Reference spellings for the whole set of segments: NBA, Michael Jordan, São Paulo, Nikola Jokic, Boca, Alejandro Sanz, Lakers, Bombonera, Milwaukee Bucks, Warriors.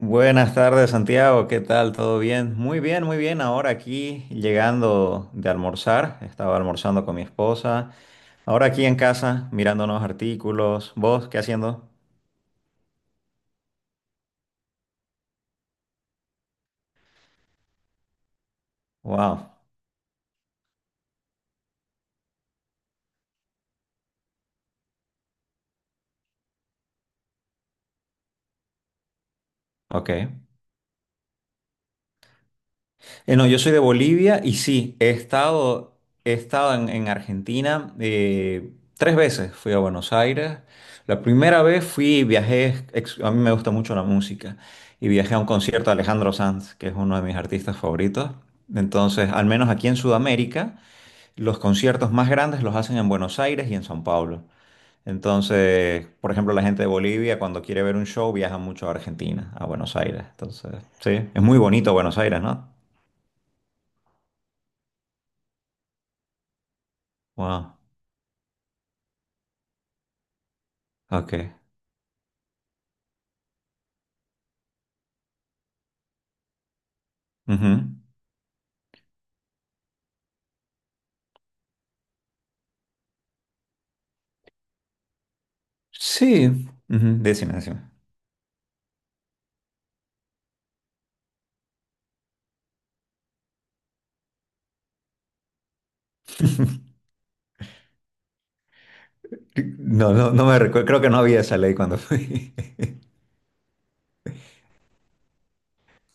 Buenas tardes, Santiago. ¿Qué tal? ¿Todo bien? Muy bien, muy bien. Ahora aquí llegando de almorzar. Estaba almorzando con mi esposa. Ahora aquí en casa mirando unos artículos. ¿Vos qué haciendo? Wow. Ok. No, yo soy de Bolivia y sí, he estado en Argentina tres veces. Fui a Buenos Aires. La primera vez a mí me gusta mucho la música y viajé a un concierto de Alejandro Sanz, que es uno de mis artistas favoritos. Entonces, al menos aquí en Sudamérica, los conciertos más grandes los hacen en Buenos Aires y en São Paulo. Entonces, por ejemplo, la gente de Bolivia cuando quiere ver un show viaja mucho a Argentina, a Buenos Aires. Entonces, sí, es muy bonito Buenos Aires, ¿no? Wow. Ok. Ujú. Sí. Ujú, decime, decime. No, no, no me recuerdo. Creo que no había esa ley cuando fui.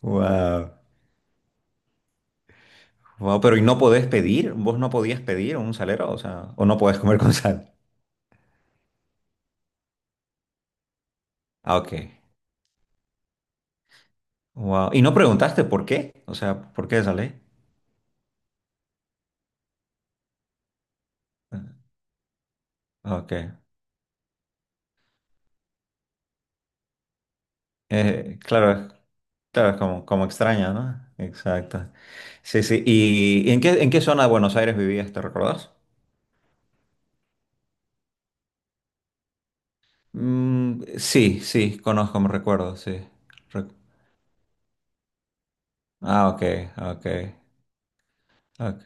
Wow. Wow, pero ¿y no podés pedir? ¿Vos no podías pedir un salero? O sea, ¿o no podés comer con sal? Ah, ok. Wow. ¿Y no preguntaste por qué? O sea, ¿por qué esa ley? Ah, ok. Claro, claro, es como extraña, ¿no? Exacto. Sí, sí. ¿Y en qué zona de Buenos Aires vivías? ¿Te recordás? Mm, sí, sí, conozco, me recuerdo, sí. Ah, ok, ok, ok.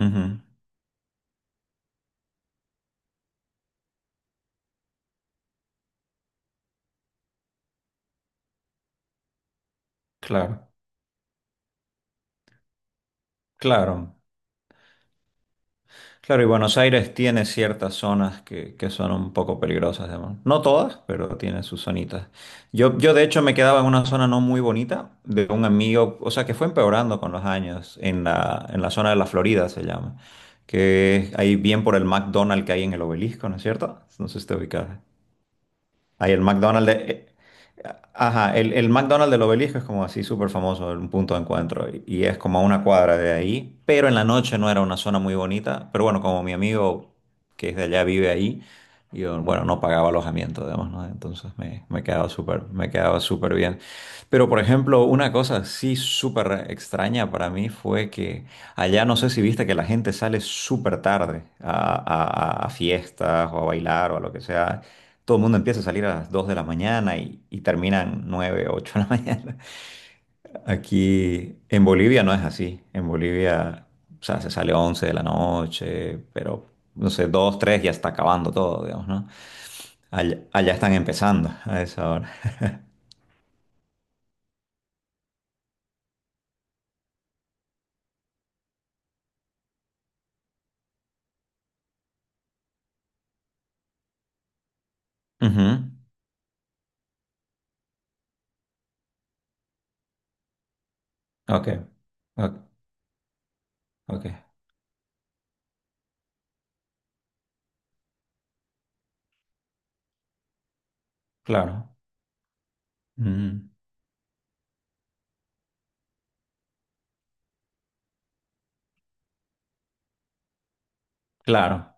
Ujú, claro, claro. Claro, y Buenos Aires tiene ciertas zonas que son un poco peligrosas, digamos. No todas, pero tiene sus zonitas. Yo de hecho me quedaba en una zona no muy bonita de un amigo, o sea, que fue empeorando con los años, en la zona de la Florida se llama, que es ahí bien por el McDonald's que hay en el obelisco, ¿no es cierto? No sé si te ubicas. Ahí el McDonald's de ajá, el McDonald's del Obelisco es como así súper famoso, un punto de encuentro, y es como a una cuadra de ahí, pero en la noche no era una zona muy bonita, pero bueno, como mi amigo que es de allá vive ahí, yo, bueno, no pagaba alojamiento, digamos, ¿no? Entonces me quedaba súper bien. Pero, por ejemplo, una cosa sí súper extraña para mí fue que allá no sé si viste que la gente sale súper tarde a fiestas o a bailar o a lo que sea. Todo el mundo empieza a salir a las 2 de la mañana y terminan 9 8 de la mañana. Aquí en Bolivia no es así. En Bolivia, o sea, se sale 11 de la noche, pero no sé, 2 3 ya está acabando todo, digamos, ¿no? Allá, allá están empezando a esa hora. Ujú. Ok, ok, ok, claro. Mm, claro,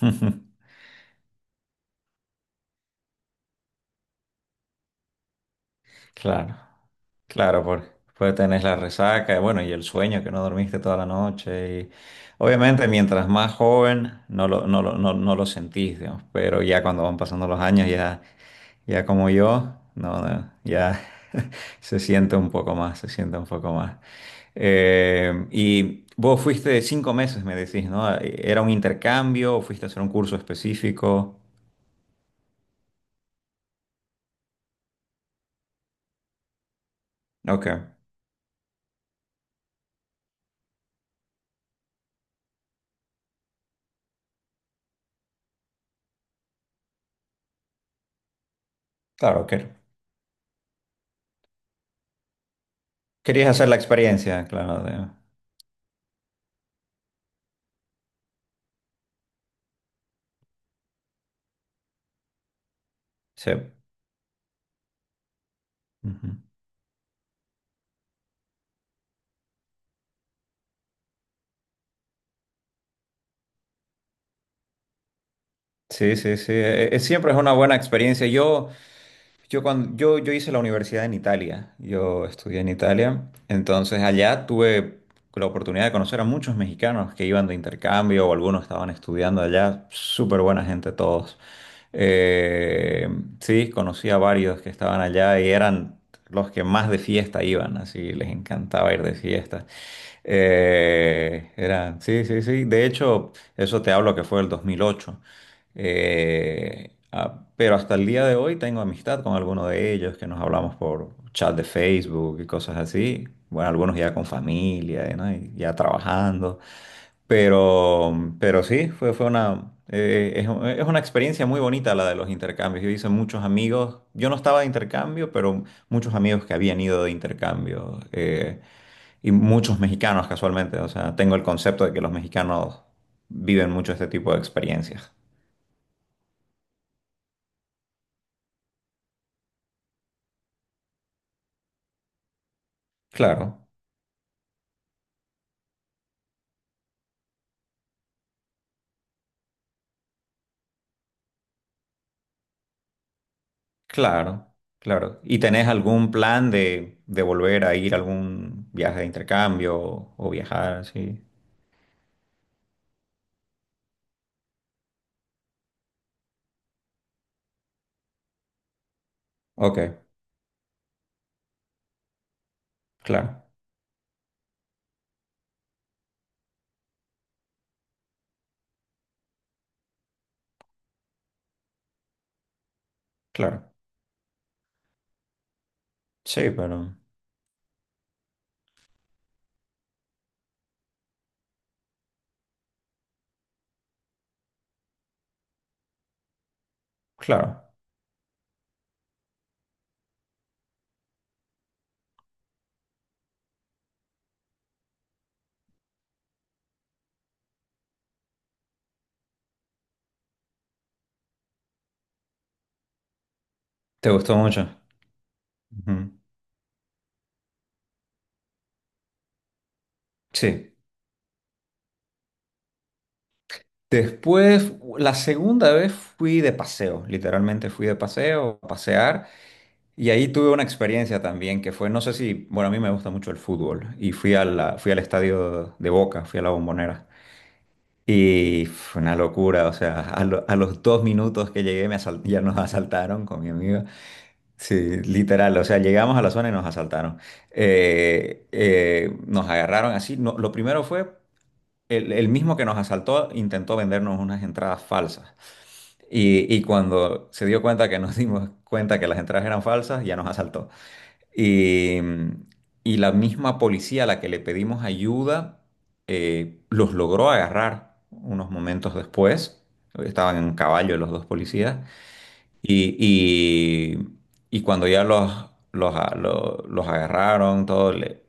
claro. Claro, porque pues tenés la resaca, y bueno, y el sueño que no dormiste toda la noche. Y obviamente, mientras más joven, no lo sentís, digamos, pero ya cuando van pasando los años, ya, ya como yo, no, no, ya se siente un poco más, se siente un poco más. Y vos fuiste 5 meses, me decís, ¿no? ¿Era un intercambio o fuiste a hacer un curso específico? Ok, claro, que querías hacer la experiencia, claro, sí. Ujú. Sí, sí, sí. Siempre es una buena experiencia. Yo hice la universidad en Italia. Yo estudié en Italia. Entonces allá tuve la oportunidad de conocer a muchos mexicanos que iban de intercambio o algunos estaban estudiando allá. Súper buena gente todos. Eh, sí, conocí a varios que estaban allá y eran los que más de fiesta iban. Así les encantaba ir de fiesta. Sí, sí, sí. De hecho, eso te hablo que fue el 2008. Pero hasta el día de hoy tengo amistad con algunos de ellos que nos hablamos por chat de Facebook y cosas así. Bueno, algunos ya con familia, ¿no? Y ya trabajando. Pero, pero sí, fue es una experiencia muy bonita la de los intercambios. Yo hice muchos amigos, yo no estaba de intercambio, pero muchos amigos que habían ido de intercambio y muchos mexicanos casualmente. O sea, tengo el concepto de que los mexicanos viven mucho este tipo de experiencias. Claro, claro, claro. ¿Y tenés algún plan de volver a ir a algún viaje de intercambio o viajar así? Ok, claro, claro. Sí, pero claro. ¿Te gustó mucho? Ujú. Sí. Después, la segunda vez fui de paseo, literalmente fui de paseo, a pasear, y ahí tuve una experiencia también que fue, no sé si, bueno, a mí me gusta mucho el fútbol, y fui al estadio de Boca, fui a la Bombonera. Y fue una locura, o sea, a los 2 minutos que llegué ya nos asaltaron con mi amiga. Sí, literal, o sea, llegamos a la zona y nos asaltaron. Nos agarraron así. No, lo primero fue, el mismo que nos asaltó intentó vendernos unas entradas falsas. Y cuando se dio cuenta que nos dimos cuenta que las entradas eran falsas, ya nos asaltó. Eh, y la misma policía a la que le pedimos ayuda los logró agarrar unos momentos después. Estaban en caballo los dos policías. Y, y- y cuando ya los agarraron, todo,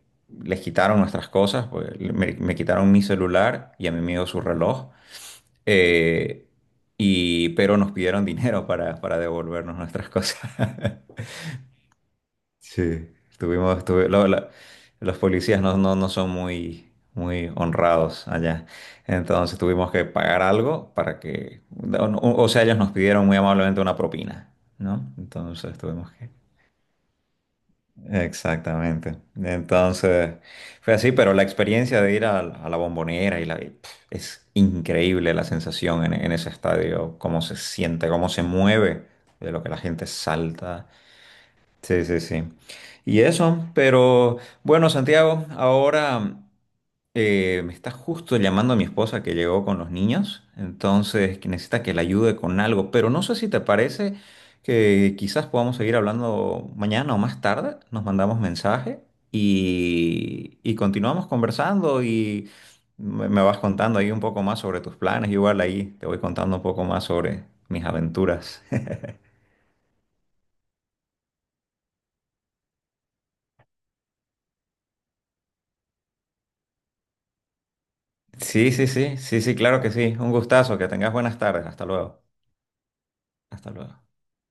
les quitaron nuestras cosas, pues, me quitaron mi celular y a mi amigo su reloj. eh, pero nos pidieron dinero para devolvernos nuestras cosas. Sí, estuvimos, estuve, la- la- los policías no son muy, muy honrados allá. Entonces tuvimos que pagar algo para que, o sea, ellos nos pidieron muy amablemente una propina, ¿no? Entonces tuvimos que... Exactamente. Entonces fue así, pero la experiencia de ir a la Bombonera y pf, es increíble la sensación en ese estadio, cómo se siente, cómo se mueve, de lo que la gente salta. Sí, sí, sí. Y eso, pero bueno, Santiago, ahora me está justo llamando mi esposa que llegó con los niños, entonces que necesita que la ayude con algo, pero no sé si te parece que quizás podamos seguir hablando mañana o más tarde, nos mandamos mensaje y continuamos conversando y me vas contando ahí un poco más sobre tus planes, igual ahí te voy contando un poco más sobre mis aventuras. Sí, sí, sí, sí, sí, claro que sí. Un gustazo, que tengas buenas tardes. Hasta luego. Hasta luego.